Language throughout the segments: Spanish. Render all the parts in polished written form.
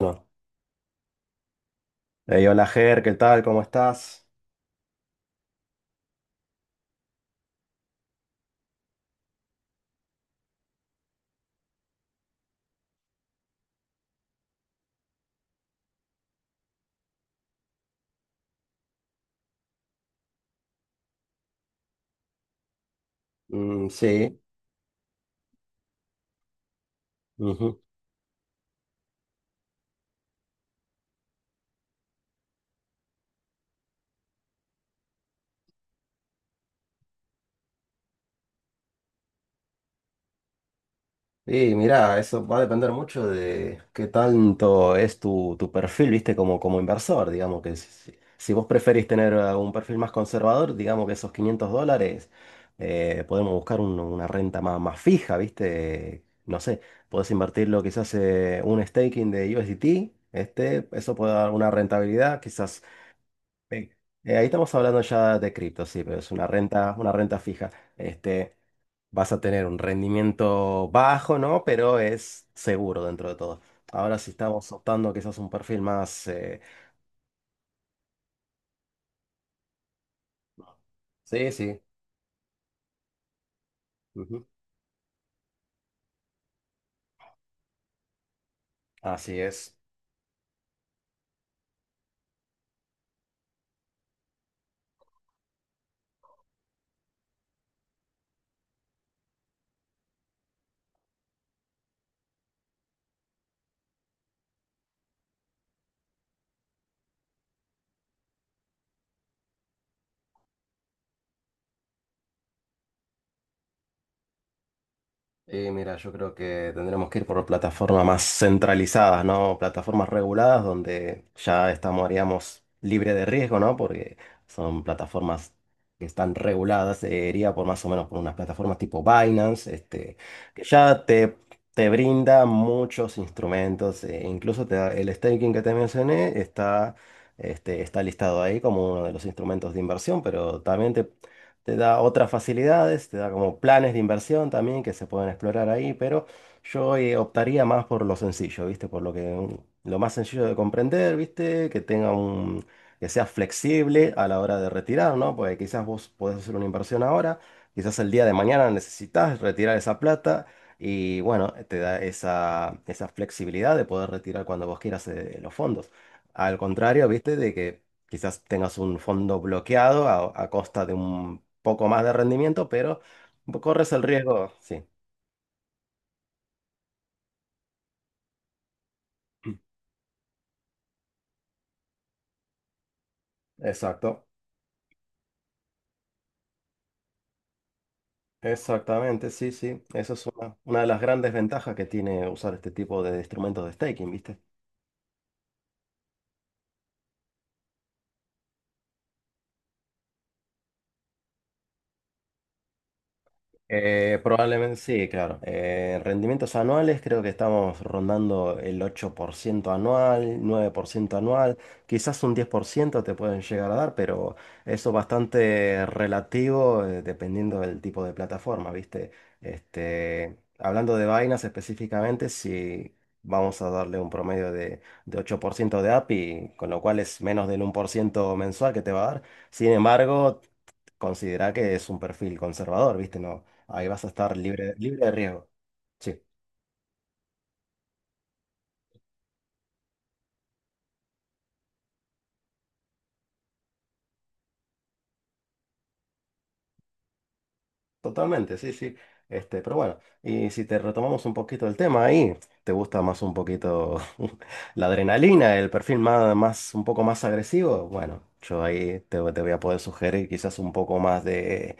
No. Ey, hola Ger, ¿qué tal? ¿Cómo estás? Mm, sí. Ujú. Y mira, eso va a depender mucho de qué tanto es tu perfil, viste, como inversor, digamos que si vos preferís tener un perfil más conservador, digamos que esos 500 dólares, podemos buscar una renta más fija, viste, no sé, podés invertirlo quizás un staking de USDT, eso puede dar una rentabilidad, quizás. Bien, ahí estamos hablando ya de cripto, sí, pero es una renta fija. Este, vas a tener un rendimiento bajo, ¿no? Pero es seguro dentro de todo. Ahora si estamos optando quizás un perfil más. Sí, sí. Ujú, así es. Y mira, yo creo que tendremos que ir por plataformas más centralizadas, ¿no? Plataformas reguladas donde ya estamos, haríamos libre de riesgo, ¿no? Porque son plataformas que están reguladas, iría por más o menos por unas plataformas tipo Binance, que ya te brinda muchos instrumentos, incluso el staking que te mencioné está listado ahí como uno de los instrumentos de inversión, pero también te da otras facilidades, te da como planes de inversión también que se pueden explorar ahí, pero yo optaría más por lo sencillo, ¿viste? Por lo que lo más sencillo de comprender, ¿viste? Que tenga un que sea flexible a la hora de retirar, ¿no? Porque quizás vos podés hacer una inversión ahora, quizás el día de mañana necesitas retirar esa plata y bueno, te da esa flexibilidad de poder retirar cuando vos quieras los fondos. Al contrario, ¿viste? De que Quizás tengas un fondo bloqueado a costa de un poco más de rendimiento, pero corres el riesgo, sí. Exacto, exactamente, sí, sí. Eso es una de las grandes ventajas que tiene usar este tipo de instrumentos de staking, ¿viste? Probablemente sí, claro. Rendimientos anuales creo que estamos rondando el 8% anual, 9% anual, quizás un 10% te pueden llegar a dar, pero eso es bastante relativo dependiendo del tipo de plataforma, ¿viste? Hablando de Binance específicamente, si vamos a darle un promedio de 8% de API, con lo cual es menos del 1% mensual que te va a dar. Sin embargo. Considera que es un perfil conservador, ¿viste? No, ahí vas a estar libre, libre de riesgo. Sí, totalmente, sí, sí. Pero bueno, y si te retomamos un poquito el tema ahí, ¿te gusta más un poquito la adrenalina, el perfil más, un poco más agresivo? Bueno, yo ahí te voy a poder sugerir quizás un poco más de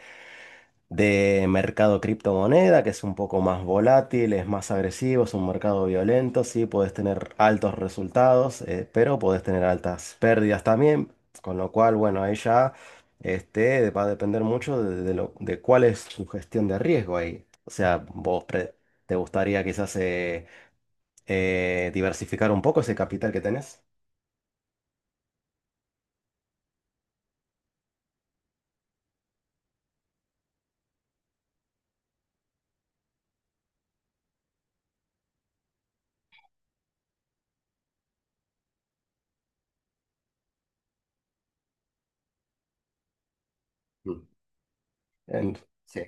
de mercado criptomoneda, que es un poco más volátil, es más agresivo, es un mercado violento, sí, puedes tener altos resultados, pero puedes tener altas pérdidas también, con lo cual, bueno, ahí ya va a depender mucho de cuál es tu gestión de riesgo ahí. O sea, vos te gustaría quizás diversificar un poco ese capital que tenés. Mm. En- Sí.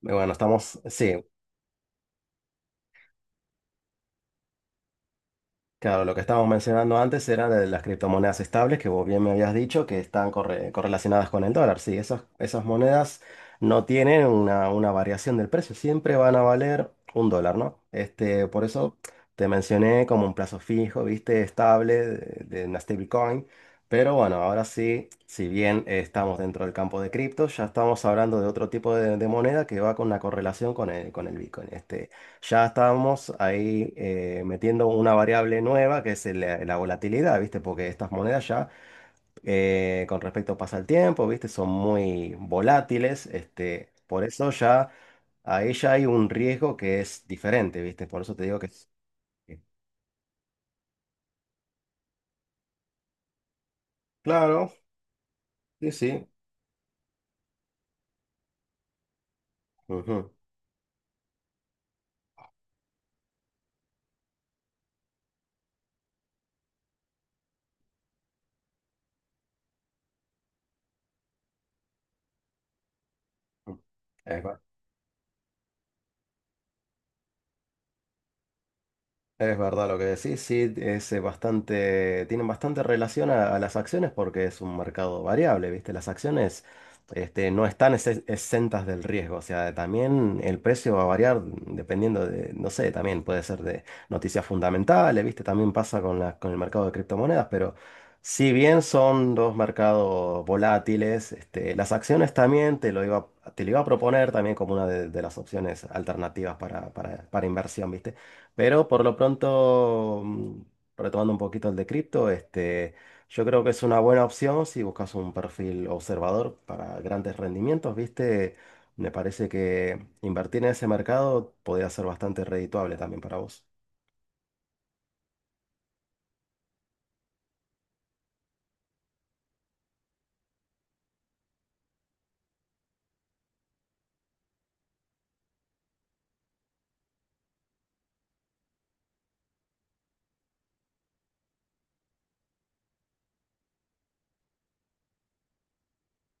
Bueno, estamos, sí, claro, lo que estábamos mencionando antes era de las criptomonedas estables, que vos bien me habías dicho que están correlacionadas con el dólar. Sí, esas monedas no tienen una variación del precio, siempre van a valer un dólar, ¿no? Por eso te mencioné como un plazo fijo, viste, estable de una stablecoin. Pero bueno, ahora sí, si bien estamos dentro del campo de cripto, ya estamos hablando de otro tipo de moneda que va con una correlación con el Bitcoin. Ya estábamos ahí metiendo una variable nueva que es la volatilidad, ¿viste? Porque estas monedas ya, con respecto pasa el tiempo, ¿viste? Son muy volátiles, por eso ya ahí ya hay un riesgo que es diferente, ¿viste? Por eso te digo que es... eh, Claro, sí, sí. Ujú. Es verdad lo que decís, sí, es bastante, tienen bastante relación a las acciones porque es un mercado variable, ¿viste? Las acciones no están exentas del riesgo, o sea, también el precio va a variar dependiendo de, no sé, también puede ser de noticias fundamentales, ¿viste? También pasa con con el mercado de criptomonedas, pero si bien son dos mercados volátiles, las acciones también te lo iba a proponer también como una de las opciones alternativas para inversión, ¿viste? Pero por lo pronto, retomando un poquito el de cripto, yo creo que es una buena opción si buscas un perfil observador para grandes rendimientos, ¿viste? Me parece que invertir en ese mercado podría ser bastante redituable también para vos.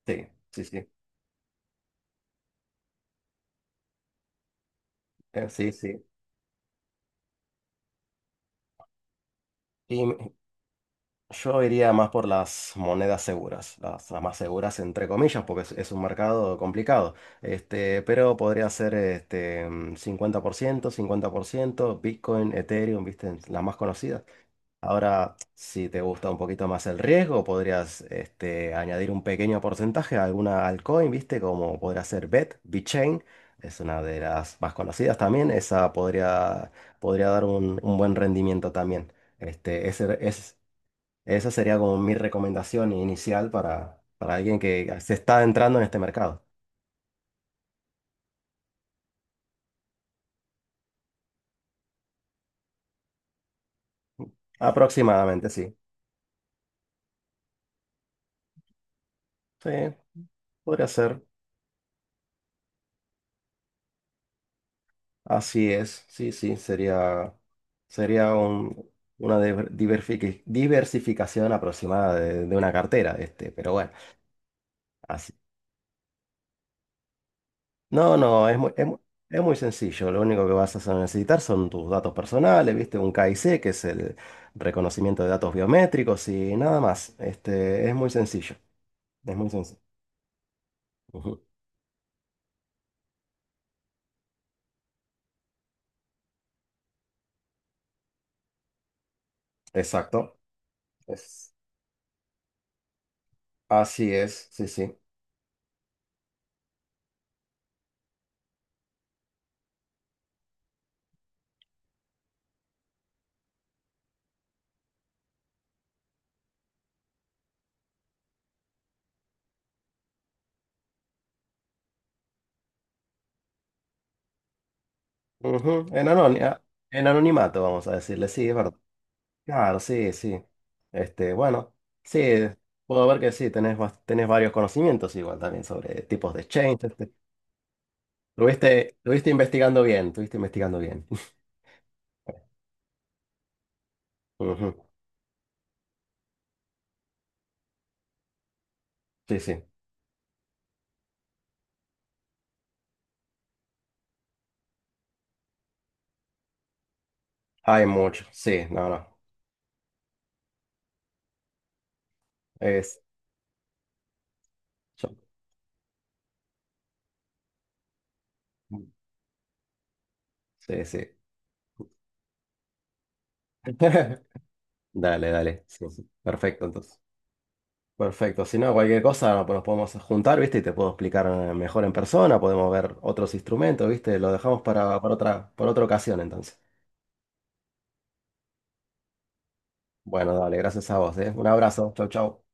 Sí, sí, sí. Sí, sí. Y, Yo iría más por las monedas seguras, las más seguras entre comillas, porque es un mercado complicado. Pero podría ser 50% 50%, Bitcoin, Ethereum, ¿viste? Las más conocidas. Ahora, si te gusta un poquito más el riesgo, podrías añadir un pequeño porcentaje a alguna altcoin, ¿viste? Como podría ser BET, BitChain, es una de las más conocidas también. Esa podría dar un buen rendimiento también. Ese es. Esa sería como mi recomendación inicial para alguien que se está adentrando en este mercado. Aproximadamente, sí. Sí, podría ser. Así es. Sí, sí, sería una diversificación aproximada de una cartera, pero bueno, así. No, no, es muy sencillo. Lo único que vas a necesitar son tus datos personales, ¿viste? Un KIC, que es el reconocimiento de datos biométricos y nada más. Es muy sencillo. Es muy sencillo. Exacto. Es, así es, sí, sí. Ujú. En anonimato, vamos a decirle, sí, es verdad. Claro, sí, sí. Bueno, sí, puedo ver que sí, tenés varios conocimientos igual también sobre tipos de exchange. Estuviste investigando bien, estuviste investigando bien. Ujú. Sí, sí. Hay mucho, sí, no, no. Es, yo- sí, sí. Dale, dale. Sí, sí. Perfecto, entonces. Perfecto, si no, cualquier cosa no, pues nos podemos juntar, ¿viste? Y te puedo explicar mejor en persona, podemos ver otros instrumentos, ¿viste? Lo dejamos para otra ocasión entonces. Bueno, dale, gracias a vos, ¿eh? Un abrazo, chau, chau.